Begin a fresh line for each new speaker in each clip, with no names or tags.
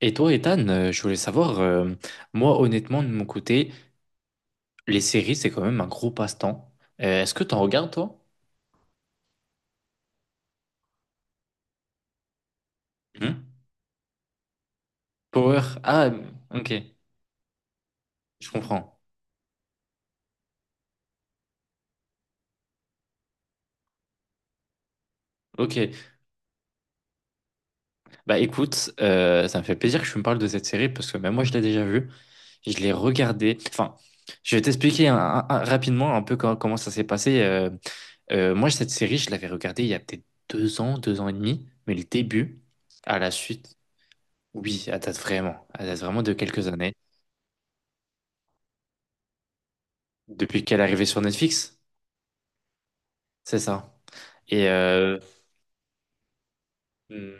Et toi, Ethan, je voulais savoir, moi, honnêtement, de mon côté, les séries, c'est quand même un gros passe-temps. Est-ce que t'en regardes, toi? Hmm. Power. Ah, ok, je comprends. Ok, bah écoute, ça me fait plaisir que tu me parles de cette série parce que même moi, je l'ai déjà vue. Je l'ai regardée. Enfin, je vais t'expliquer rapidement un peu comment ça s'est passé. Moi, cette série, je l'avais regardée il y a peut-être deux ans et demi, mais le début, à la suite, oui, elle date vraiment. Elle date vraiment de quelques années. Depuis qu'elle est arrivée sur Netflix, c'est ça. Et hmm,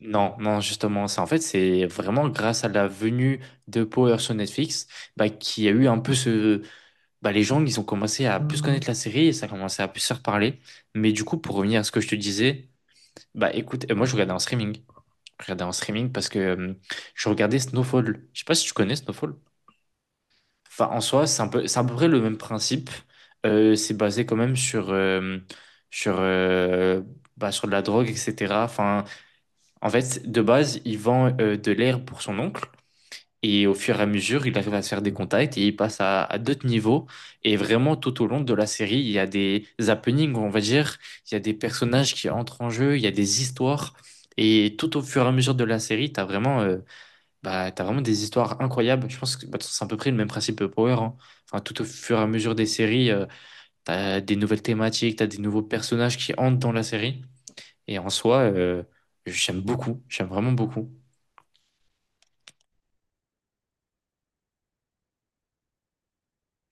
non, non, justement, c'est en fait, c'est vraiment grâce à la venue de Power sur Netflix, bah, qu'il y a eu un peu ce, bah, les gens, ils ont commencé à plus connaître la série et ça a commencé à plus se reparler. Mais du coup, pour revenir à ce que je te disais, bah, écoute, moi, je regardais en streaming. Je regardais en streaming parce que je regardais Snowfall. Je sais pas si tu connais Snowfall. Enfin, en soi, c'est un peu, c'est à peu près le même principe. C'est basé quand même sur, sur, euh, bah, sur de la drogue, etc. Enfin, en fait, de base, il vend de l'air pour son oncle. Et au fur et à mesure, il arrive à se faire des contacts et il passe à d'autres niveaux. Et vraiment, tout au long de la série, il y a des happenings, on va dire. Il y a des personnages qui entrent en jeu, il y a des histoires. Et tout au fur et à mesure de la série, tu as vraiment bah, t'as vraiment des histoires incroyables. Je pense que bah, c'est à peu près le même principe que Power, hein. Enfin, tout au fur et à mesure des séries, t'as des nouvelles thématiques, t'as des nouveaux personnages qui entrent dans la série. Et en soi, j'aime beaucoup. J'aime vraiment beaucoup.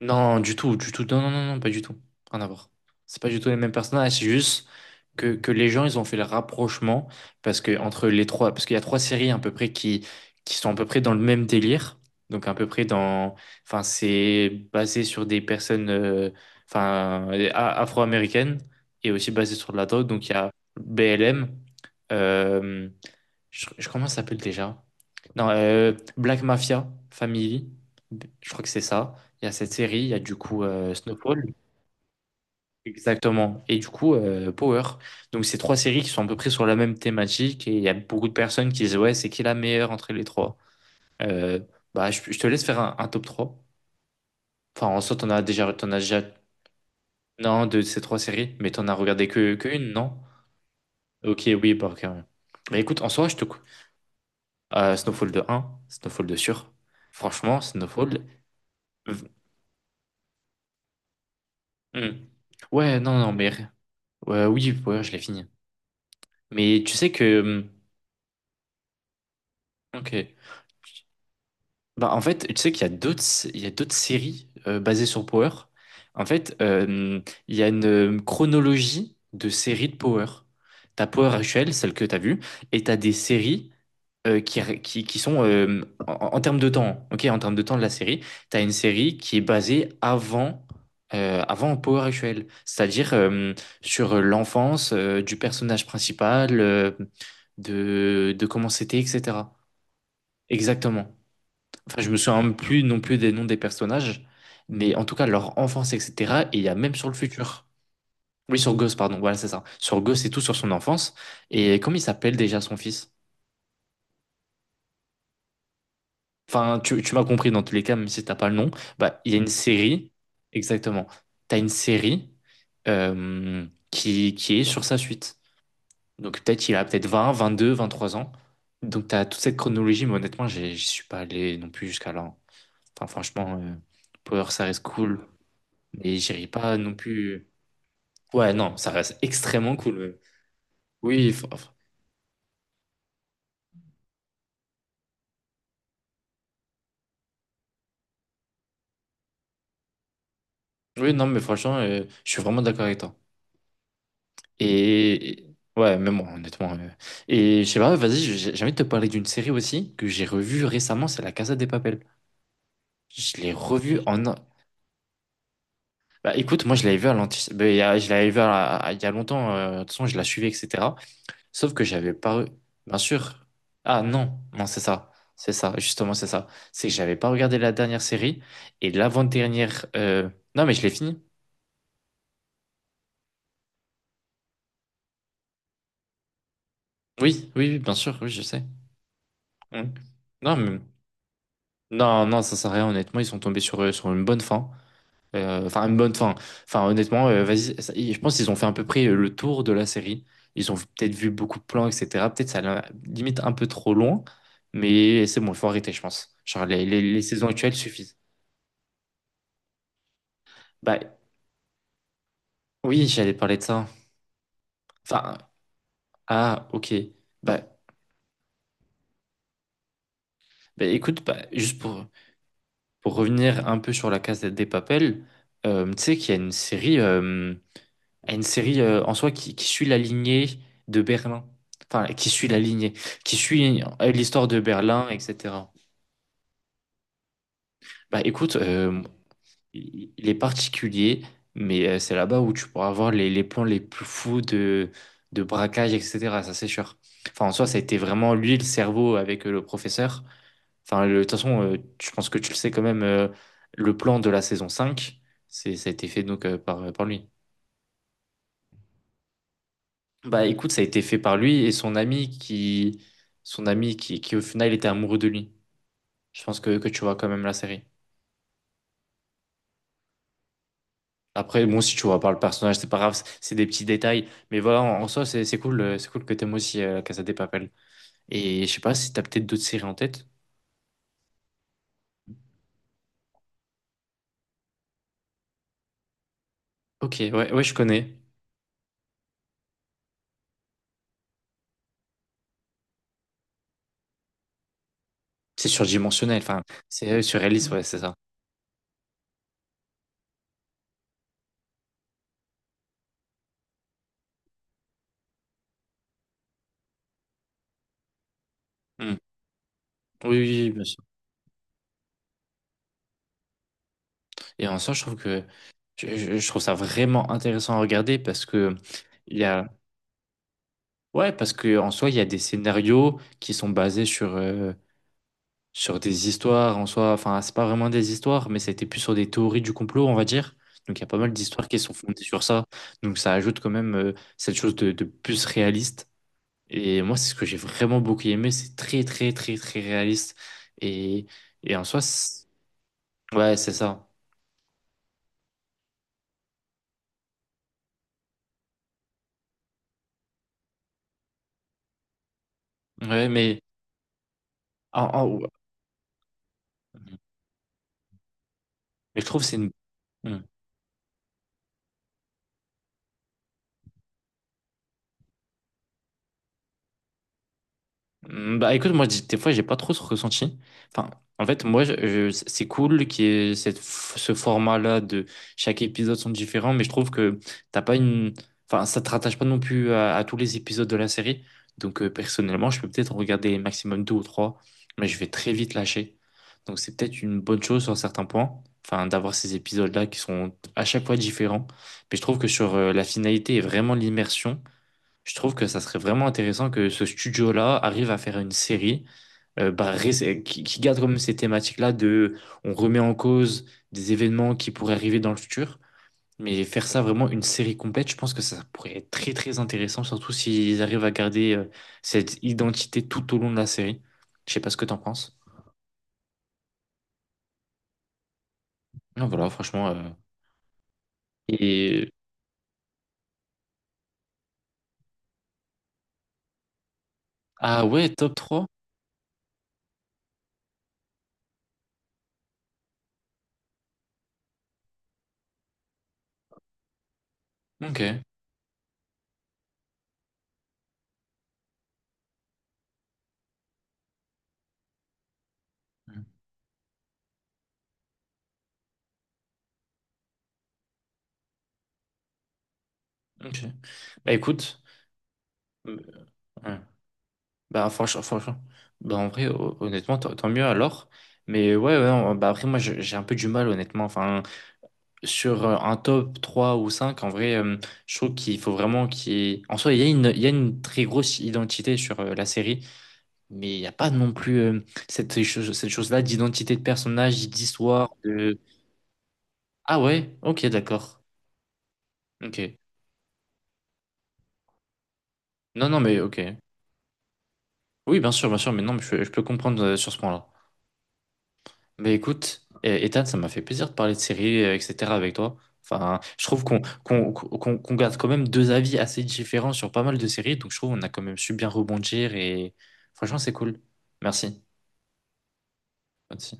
Non, du tout, du tout. Non, non, non, non, pas du tout. Rien à voir. C'est pas du tout les mêmes personnages. C'est juste que les gens, ils ont fait le rapprochement parce que entre les trois, parce qu'il y a trois séries à peu près qui sont à peu près dans le même délire. Donc à peu près dans, enfin, c'est basé sur des personnes, enfin, afro-américaines et aussi basé sur de la drogue. Donc il y a BLM. Comment ça s'appelle déjà? Non, Black Mafia Family. Je crois que c'est ça. Il y a cette série, il y a du coup Snowfall. Exactement. Et du coup, Power. Donc, c'est trois séries qui sont à peu près sur la même thématique. Et il y a beaucoup de personnes qui disent, ouais, c'est qui la meilleure entre les trois? Euh, bah, je te laisse faire un top 3. Enfin, en soi, non, de ces trois séries, mais t'en as regardé que une, non? Ok, oui, bah, ok, ouais. Bah, écoute, en soi, Snowfall de un, Snowfall de sûr. Franchement, Snowfall. v- hmm. Ouais, non, non, mais, ouais, oui, ouais, je l'ai fini. Mais tu sais que. Hmm. Ok. Bah, en fait, tu sais qu'il y a d'autres séries basées sur Power. En fait, il y a une chronologie de séries de Power. T'as Power actuelle, celle que t'as vue, et t'as des séries qui sont en termes de temps, ok, en termes de temps de la série, t'as une série qui est basée avant, avant Power actuelle, c'est-à-dire sur l'enfance du personnage principal, de comment c'était, etc. Exactement. Enfin, je me souviens même plus non plus des noms des personnages, mais en tout cas leur enfance, etc. Et il y a même sur le futur. Oui, sur Ghost, pardon, voilà, c'est ça. Sur Ghost et tout, sur son enfance. Et comment il s'appelle déjà son fils? Enfin, tu m'as compris dans tous les cas, même si t'as pas le nom. Bah, il y a une série, exactement. T'as une série qui est sur sa suite. Donc peut-être il a peut-être 20, 22, 23 ans. Donc t'as toute cette chronologie, mais honnêtement, j'y suis pas allé non plus jusqu'à là. Enfin, franchement, Power, ça reste cool. Mais j'irai pas non plus. Ouais, non, ça reste extrêmement cool, même. Oui, oui, non, mais franchement, je suis vraiment d'accord avec toi. Ouais, même moi, honnêtement. Et je sais pas, vas-y, j'ai envie de te parler d'une série aussi que j'ai revue récemment, c'est La Casa de Papel. Je l'ai revue en. Bah écoute, moi je l'avais vue bah, je l'avais vue il y a longtemps, de toute façon je la suivais, etc. Sauf que j'avais pas... Bien sûr. Ah non, non, c'est ça. C'est ça, justement, c'est ça. C'est que j'avais pas regardé la dernière série et l'avant-dernière... Non, mais je l'ai fini. Oui, oui, oui, bien sûr, oui, je sais. Mm. Non, mais... Non, non, ça sert à rien, honnêtement. Ils sont tombés sur une bonne fin. Enfin, une bonne fin. Enfin, honnêtement, vas-y. Je pense qu'ils ont fait à peu près le tour de la série. Ils ont peut-être vu beaucoup de plans, etc. Peut-être limite un peu trop loin. Mais c'est bon, il faut arrêter, je pense. Genre, les saisons actuelles suffisent. Bah, oui, j'allais parler de ça. Enfin, ah, ok. Bah, bah, écoute, bah, juste pour revenir un peu sur la case des Papel, tu sais qu'il y a une série en soi qui suit la lignée de Berlin. Enfin, qui suit la lignée, qui suit l'histoire de Berlin, etc. Bah, écoute, il est particulier, mais c'est là-bas où tu pourras avoir les plans les plus fous de braquage, etc. Ça, c'est sûr. Enfin, en soi, ça a été vraiment lui le cerveau avec le professeur. Enfin, de toute façon, je pense que tu le sais quand même, le plan de la saison 5 c'est, ça a été fait donc par lui. Bah écoute, ça a été fait par lui et son ami qui au final était amoureux de lui. Je pense que tu vois quand même la série. Après, bon, si tu vois pas le personnage, c'est pas grave, c'est des petits détails. Mais voilà, en soi, c'est cool que t'aimes aussi Casa de Papel. Et je sais pas si t'as peut-être d'autres séries en tête. Ok, ouais, ouais, je connais. C'est surdimensionnel, enfin, c'est surréaliste, ouais, c'est ça. Hmm. Oui, oui, oui, bien sûr. Et en soi, je trouve que je trouve ça vraiment intéressant à regarder parce que il y a ouais, parce que en soi il y a des scénarios qui sont basés sur des histoires en soi. Enfin, c'est pas vraiment des histoires, mais c'était plus sur des théories du complot, on va dire. Donc il y a pas mal d'histoires qui sont fondées sur ça. Donc ça ajoute quand même cette chose de plus réaliste. Et moi, c'est ce que j'ai vraiment beaucoup aimé. C'est très très très très réaliste. Et et en soi, ouais, c'est ça. Ouais, mais ouais, mais je trouve que c'est une. Mm. Bah écoute, moi des fois j'ai pas trop ce ressenti. Enfin, en fait, moi c'est cool qu'il y ait ce format-là de chaque épisode sont différents, mais je trouve que t'as pas une. Enfin, ça te rattache pas non plus à tous les épisodes de la série. Donc personnellement, je peux peut-être en regarder maximum deux ou trois, mais je vais très vite lâcher. Donc c'est peut-être une bonne chose sur certains points, enfin d'avoir ces épisodes-là qui sont à chaque fois différents. Mais je trouve que sur la finalité et vraiment l'immersion. Je trouve que ça serait vraiment intéressant que ce studio-là arrive à faire une série bah, qui garde comme ces thématiques-là de on remet en cause des événements qui pourraient arriver dans le futur, mais faire ça vraiment une série complète, je pense que ça pourrait être très très intéressant, surtout s'ils arrivent à garder cette identité tout au long de la série. Je sais pas ce que t'en penses. Non, voilà, franchement. Et... Ah ouais, top trois. Ok. Mmh. Ok. Bah écoute. euh, ouais. Bah, franchement, franchement. Bah, en vrai, honnêtement, tant mieux alors. Mais ouais, ouais, non, bah après, moi, j'ai un peu du mal, honnêtement. Enfin, sur un top 3 ou 5 en vrai, je trouve qu'il faut vraiment. En soi, il y a une très grosse identité sur la série, mais il n'y a pas non plus cette chose-là d'identité de personnage, d'histoire, de... Ah ouais? Ok, d'accord. Ok. Non, non, mais ok. Oui, bien sûr, mais non, mais je peux comprendre sur ce point-là. Mais écoute, Ethan, ça m'a fait plaisir de parler de séries, etc. avec toi. Enfin, je trouve qu'on garde quand même deux avis assez différents sur pas mal de séries, donc je trouve qu'on a quand même su bien rebondir et franchement, c'est cool. Merci. Merci.